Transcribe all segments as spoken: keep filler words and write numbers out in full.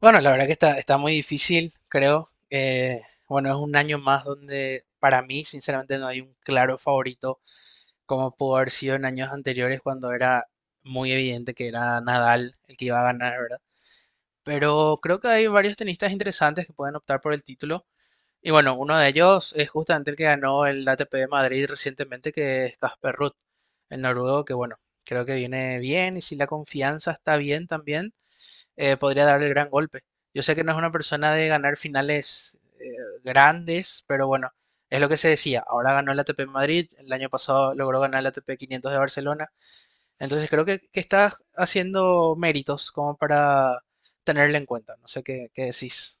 Bueno, la verdad que está, está muy difícil, creo. Eh, bueno, es un año más donde para mí, sinceramente, no hay un claro favorito, como pudo haber sido en años anteriores cuando era muy evidente que era Nadal el que iba a ganar, ¿verdad? Pero creo que hay varios tenistas interesantes que pueden optar por el título. Y bueno, uno de ellos es justamente el que ganó el A T P de Madrid recientemente, que es Casper Ruud, el noruego, que bueno, creo que viene bien y si la confianza está bien también eh, podría darle el gran golpe. Yo sé que no es una persona de ganar finales eh, grandes, pero bueno, es lo que se decía. Ahora ganó el A T P Madrid, el año pasado logró ganar el A T P quinientos de Barcelona. Entonces creo que, que está haciendo méritos como para tenerle en cuenta. No sé qué, qué decís.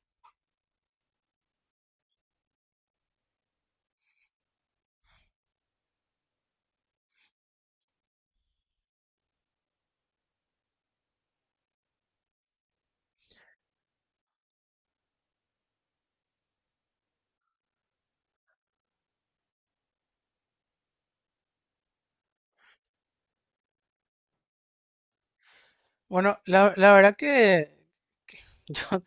Bueno, la, la verdad que, que yo,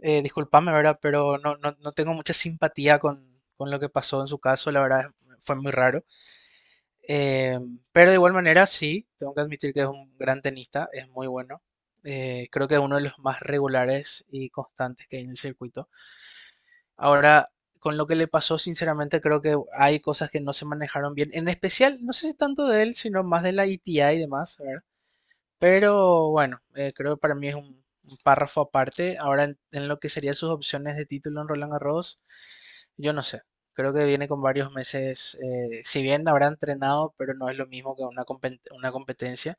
eh, disculpame, ¿verdad? Pero no, no, no tengo mucha simpatía con, con lo que pasó en su caso. La verdad fue muy raro. Eh, pero de igual manera, sí, tengo que admitir que es un gran tenista, es muy bueno. Eh, creo que es uno de los más regulares y constantes que hay en el circuito. Ahora, con lo que le pasó, sinceramente, creo que hay cosas que no se manejaron bien. En especial, no sé si tanto de él, sino más de la I T A y demás, ¿verdad? Pero bueno, eh, creo que para mí es un, un párrafo aparte. Ahora, en, en lo que serían sus opciones de título en Roland Garros, yo no sé, creo que viene con varios meses, eh, si bien habrá entrenado, pero no es lo mismo que una, compen- una competencia.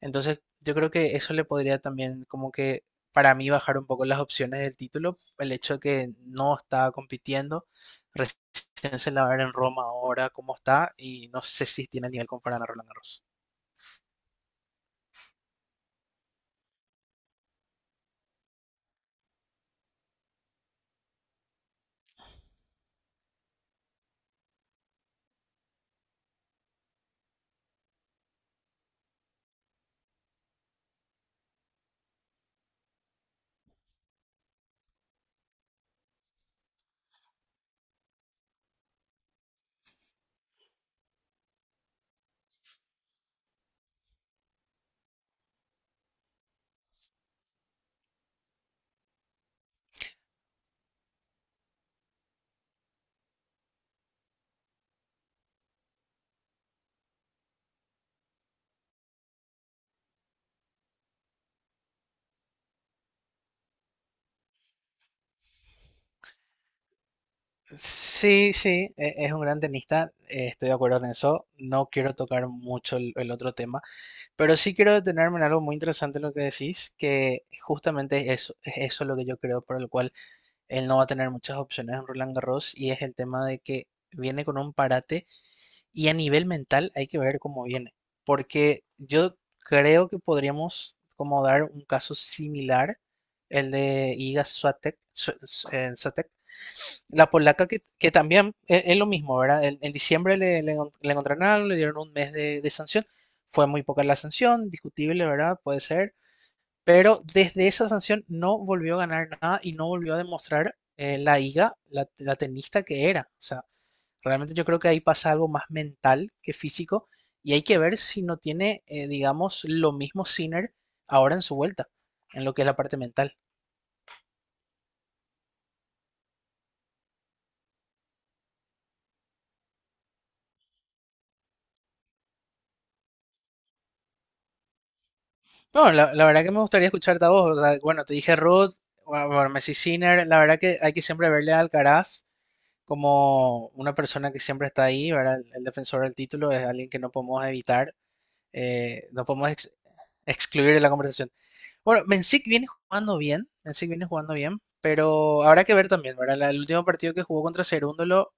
Entonces, yo creo que eso le podría también como que para mí bajar un poco las opciones del título, el hecho de que no está compitiendo, recién se la va a ver en Roma ahora cómo está y no sé si tiene nivel como para ganar Roland Garros. Sí, sí, e- es un gran tenista, eh, estoy de acuerdo en eso. No quiero tocar mucho el, el otro tema, pero sí quiero detenerme en algo muy interesante en lo que decís, que justamente eso, es eso lo que yo creo por el cual él no va a tener muchas opciones en Roland Garros y es el tema de que viene con un parate y a nivel mental hay que ver cómo viene, porque yo creo que podríamos como dar un caso similar, el de Iga Swiatek, Swi- eh, Swiatek, la polaca que, que también e- es, lo mismo, ¿verdad? En, en diciembre le, le encon- le encontraron algo, le dieron un mes de, de sanción. Fue muy poca la sanción, discutible, ¿verdad? Puede ser. Pero desde esa sanción no volvió a ganar nada y no volvió a demostrar eh, la Iga, la, la tenista que era. O sea, realmente yo creo que ahí pasa algo más mental que físico y hay que ver si no tiene, eh, digamos, lo mismo Sinner ahora en su vuelta, en lo que es la parte mental. No, la, la verdad que me gustaría escucharte a vos. O sea, bueno, te dije Ruth, bueno, bueno, Messi Sinner. La verdad que hay que siempre verle a Alcaraz como una persona que siempre está ahí, ¿verdad? El, el defensor del título es alguien que no podemos evitar, eh, no podemos ex- excluir de la conversación. Bueno, Mencic viene jugando bien, Mencic viene jugando bien, pero habrá que ver también, ¿verdad? La- el último partido que jugó contra Cerúndolo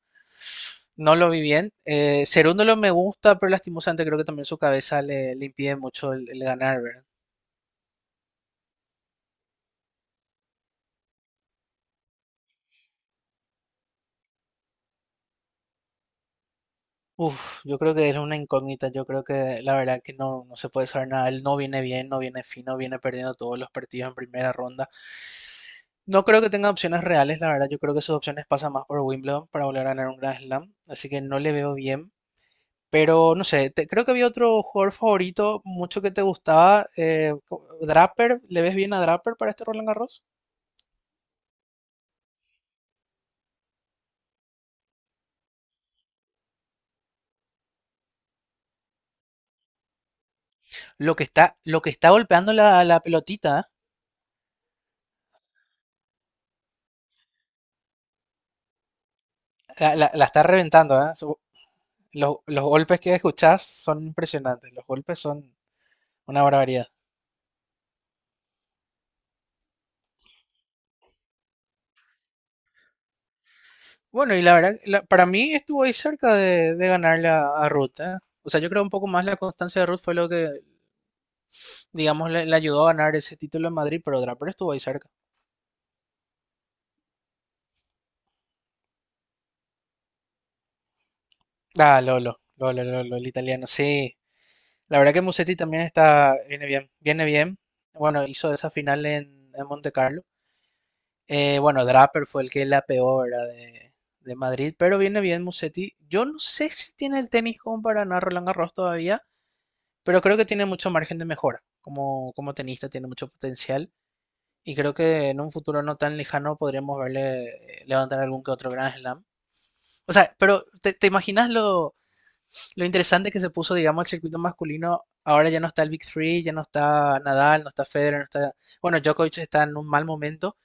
no lo vi bien. Eh, Cerúndolo me gusta, pero lastimosamente creo que también su cabeza le, le impide mucho el, el ganar, ¿verdad? Uf, yo creo que es una incógnita, yo creo que la verdad que no, no se puede saber nada, él no viene bien, no viene fino, viene perdiendo todos los partidos en primera ronda. No creo que tenga opciones reales, la verdad, yo creo que sus opciones pasan más por Wimbledon para volver a ganar un Grand Slam, así que no le veo bien. Pero no sé, te- creo que había otro jugador favorito, mucho que te gustaba, eh, co- Draper, ¿le ves bien a Draper para este Roland Garros? Lo que está, lo que está golpeando la, la pelotita, ¿eh? La, la- la está reventando, ¿eh? Los, los golpes que escuchás son impresionantes, los golpes son una barbaridad. Bueno, y la verdad, la- para mí estuvo ahí cerca de, de ganarle a, a Ruth, ¿eh? O sea, yo creo un poco más la constancia de Ruth fue lo que, digamos, le, le ayudó a ganar ese título en Madrid, pero otra, pero estuvo ahí cerca. Ah, Lolo, Lolo, Lolo, el italiano, sí. La verdad que Musetti también está, viene bien, viene bien. Bueno, hizo esa final en, en Monte Carlo. Eh, bueno, Draper fue el que la peor de, de Madrid, pero viene bien Musetti. Yo no sé si tiene el tenis como para ganar Roland Garros todavía, pero creo que tiene mucho margen de mejora. Como, como tenista tiene mucho potencial y creo que en un futuro no tan lejano podríamos verle eh, levantar algún que otro Grand Slam. O sea, pero ¿te, te imaginas lo, lo interesante que se puso, digamos, el circuito masculino? Ahora ya no está el Big Three, ya no está Nadal, no está Federer, no está... Bueno, Djokovic está en un mal momento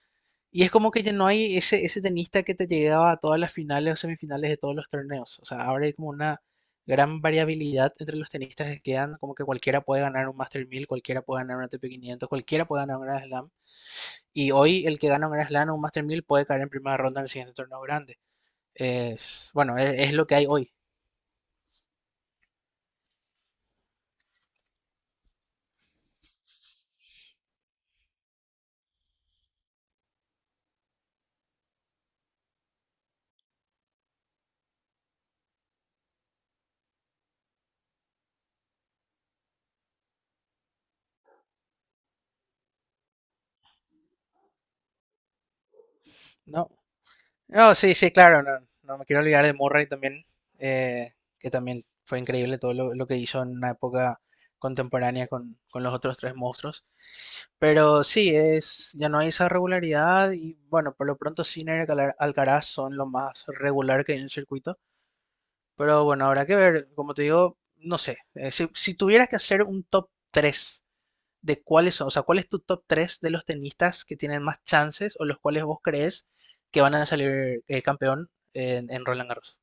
y es como que ya no hay ese, ese tenista que te llegaba a todas las finales o semifinales de todos los torneos. O sea, ahora hay como una gran variabilidad entre los tenistas que quedan, como que cualquiera puede ganar un Master mil, cualquiera puede ganar un A T P quinientos, cualquiera puede ganar un Grand Slam. Y hoy el que gana un Grand Slam o un Master mil puede caer en primera ronda en el siguiente torneo grande. Es, bueno, e- es, lo que hay hoy, ¿no? No, sí, sí, claro, no, no me quiero olvidar de Murray también, eh, que también fue increíble todo lo, lo que hizo en una época contemporánea con, con los otros tres monstruos. Pero sí, es, ya no hay esa regularidad y bueno, por lo pronto Sinner y Alcar- Alcaraz son lo más regular que hay en el circuito. Pero bueno, habrá que ver, como te digo, no sé, eh, si, si tuvieras que hacer un top tres de cuáles son, o sea, cuál es tu top tres de los tenistas que tienen más chances o los cuales vos crees que van a salir eh, campeón en, en, Roland Garros.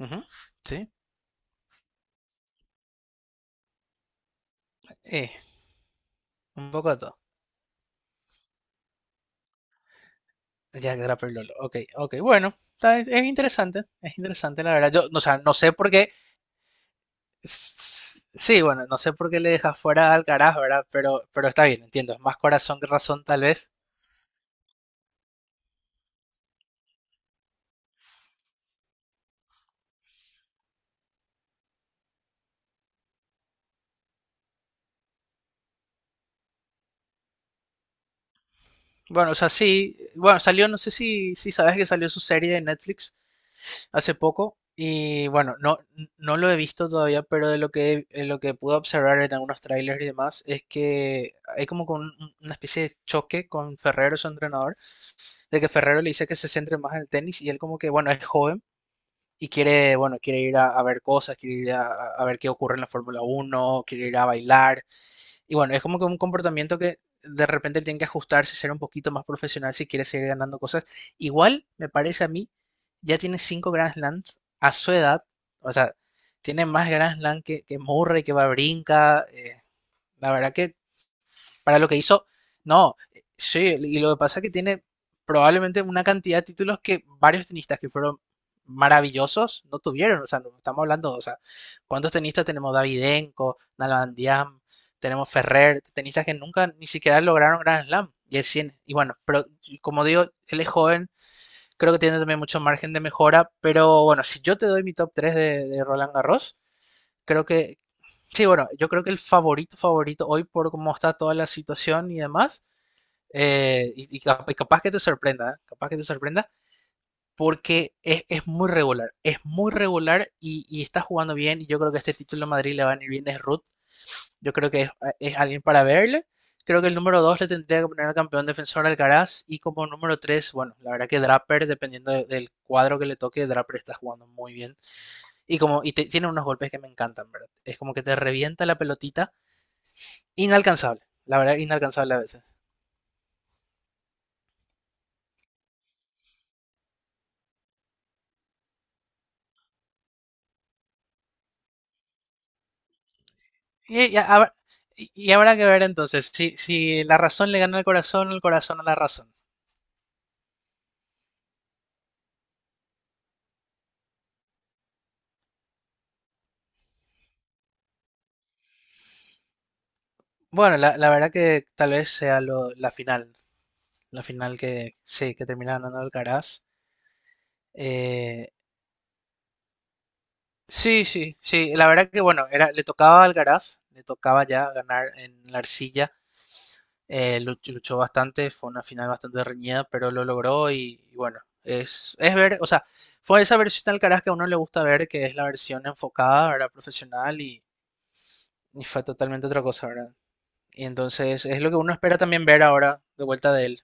Uh -huh. Sí, eh, un poco de todo. Jack Draper, Lolo. Ok, ok, bueno, está, es interesante, es interesante la verdad. Yo, o sea, no sé por qué, sí, bueno, no sé por qué le dejas fuera al Alcaraz, ¿verdad? Pero, pero está bien, entiendo, es más corazón que razón tal vez. Bueno, o sea, sí, bueno, salió, no sé si, si sabes que salió su serie de Netflix hace poco y bueno, no, no lo he visto todavía, pero de lo que, he- de lo que pude observar en algunos trailers y demás es que hay como con un- una especie de choque con Ferrero, su entrenador, de que Ferrero le dice que se centre más en el tenis y él como que, bueno, es joven y quiere, bueno, quiere ir a, a ver cosas, quiere ir a, a ver qué ocurre en la Fórmula Uno, quiere ir a bailar y bueno, es como que un comportamiento que de repente él tiene que ajustarse, ser un poquito más profesional si quiere seguir ganando cosas. Igual, me parece a mí, ya tiene cinco Grand Slams a su edad. O sea, tiene más Grand Slam que, que Murray, que va brinca. eh, la verdad que para lo que hizo, no, sí, y lo que pasa es que tiene probablemente una cantidad de títulos que varios tenistas que fueron maravillosos no tuvieron, o sea, no estamos hablando, o sea, ¿cuántos tenistas tenemos? Davidenko, Nalbandiam, tenemos Ferrer, tenistas que nunca ni siquiera lograron Grand Slam. Y el cien. Y bueno, pero como digo, él es joven, creo que tiene también mucho margen de mejora, pero bueno, si yo te doy mi top tres de, de Roland Garros, creo que, sí, bueno, yo creo que el favorito, favorito hoy por cómo está toda la situación y demás, eh, y, y cap- y capaz que te sorprenda, ¿eh? Capaz que te sorprenda, porque es, es muy regular, es muy regular y, y está jugando bien, y yo creo que este título a Madrid le va a venir bien, es Ruth, yo creo que es, es alguien para verle, creo que el número dos le tendría que poner al campeón defensor Alcaraz, y como número tres, bueno, la verdad que Draper, dependiendo de- del cuadro que le toque, Draper está jugando muy bien, y como, y te- tiene unos golpes que me encantan, ¿verdad? Es como que te revienta la pelotita. Inalcanzable, la verdad, inalcanzable a veces. Y, y hab- y- Habrá que ver entonces si, si la razón le gana al corazón o el corazón a la razón. Bueno, la, la verdad que tal vez sea lo- la final, la final que sí, que termina ganando Alcaraz. Eh, sí, sí, sí, la verdad que bueno, era, le tocaba a Alcaraz, le tocaba ya ganar en la arcilla. Eh, luch- luchó bastante, fue una final bastante reñida, pero lo logró y, y bueno, es, es ver, o sea, fue esa versión del Alcaraz que a uno le gusta ver, que es la versión enfocada, ¿verdad? Profesional y, y fue totalmente otra cosa, ¿verdad? Y entonces es lo que uno espera también ver ahora de vuelta de él.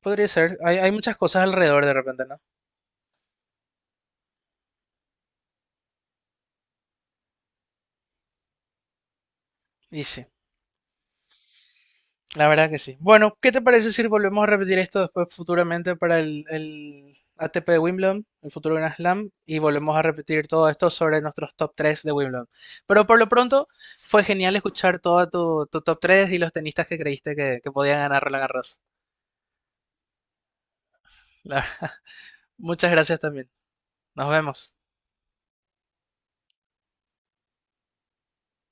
Podría ser, hay, hay muchas cosas alrededor de repente, ¿no? Y sí. La verdad que sí. Bueno, ¿qué te parece si volvemos a repetir esto después futuramente para el, el A T P de Wimbledon, el futuro Grand Slam, y volvemos a repetir todo esto sobre nuestros top tres de Wimbledon? Pero por lo pronto fue genial escuchar todo tu, tu top tres y los tenistas que creíste que, que podían ganar Roland Garros. La verdad, muchas gracias también. Nos vemos.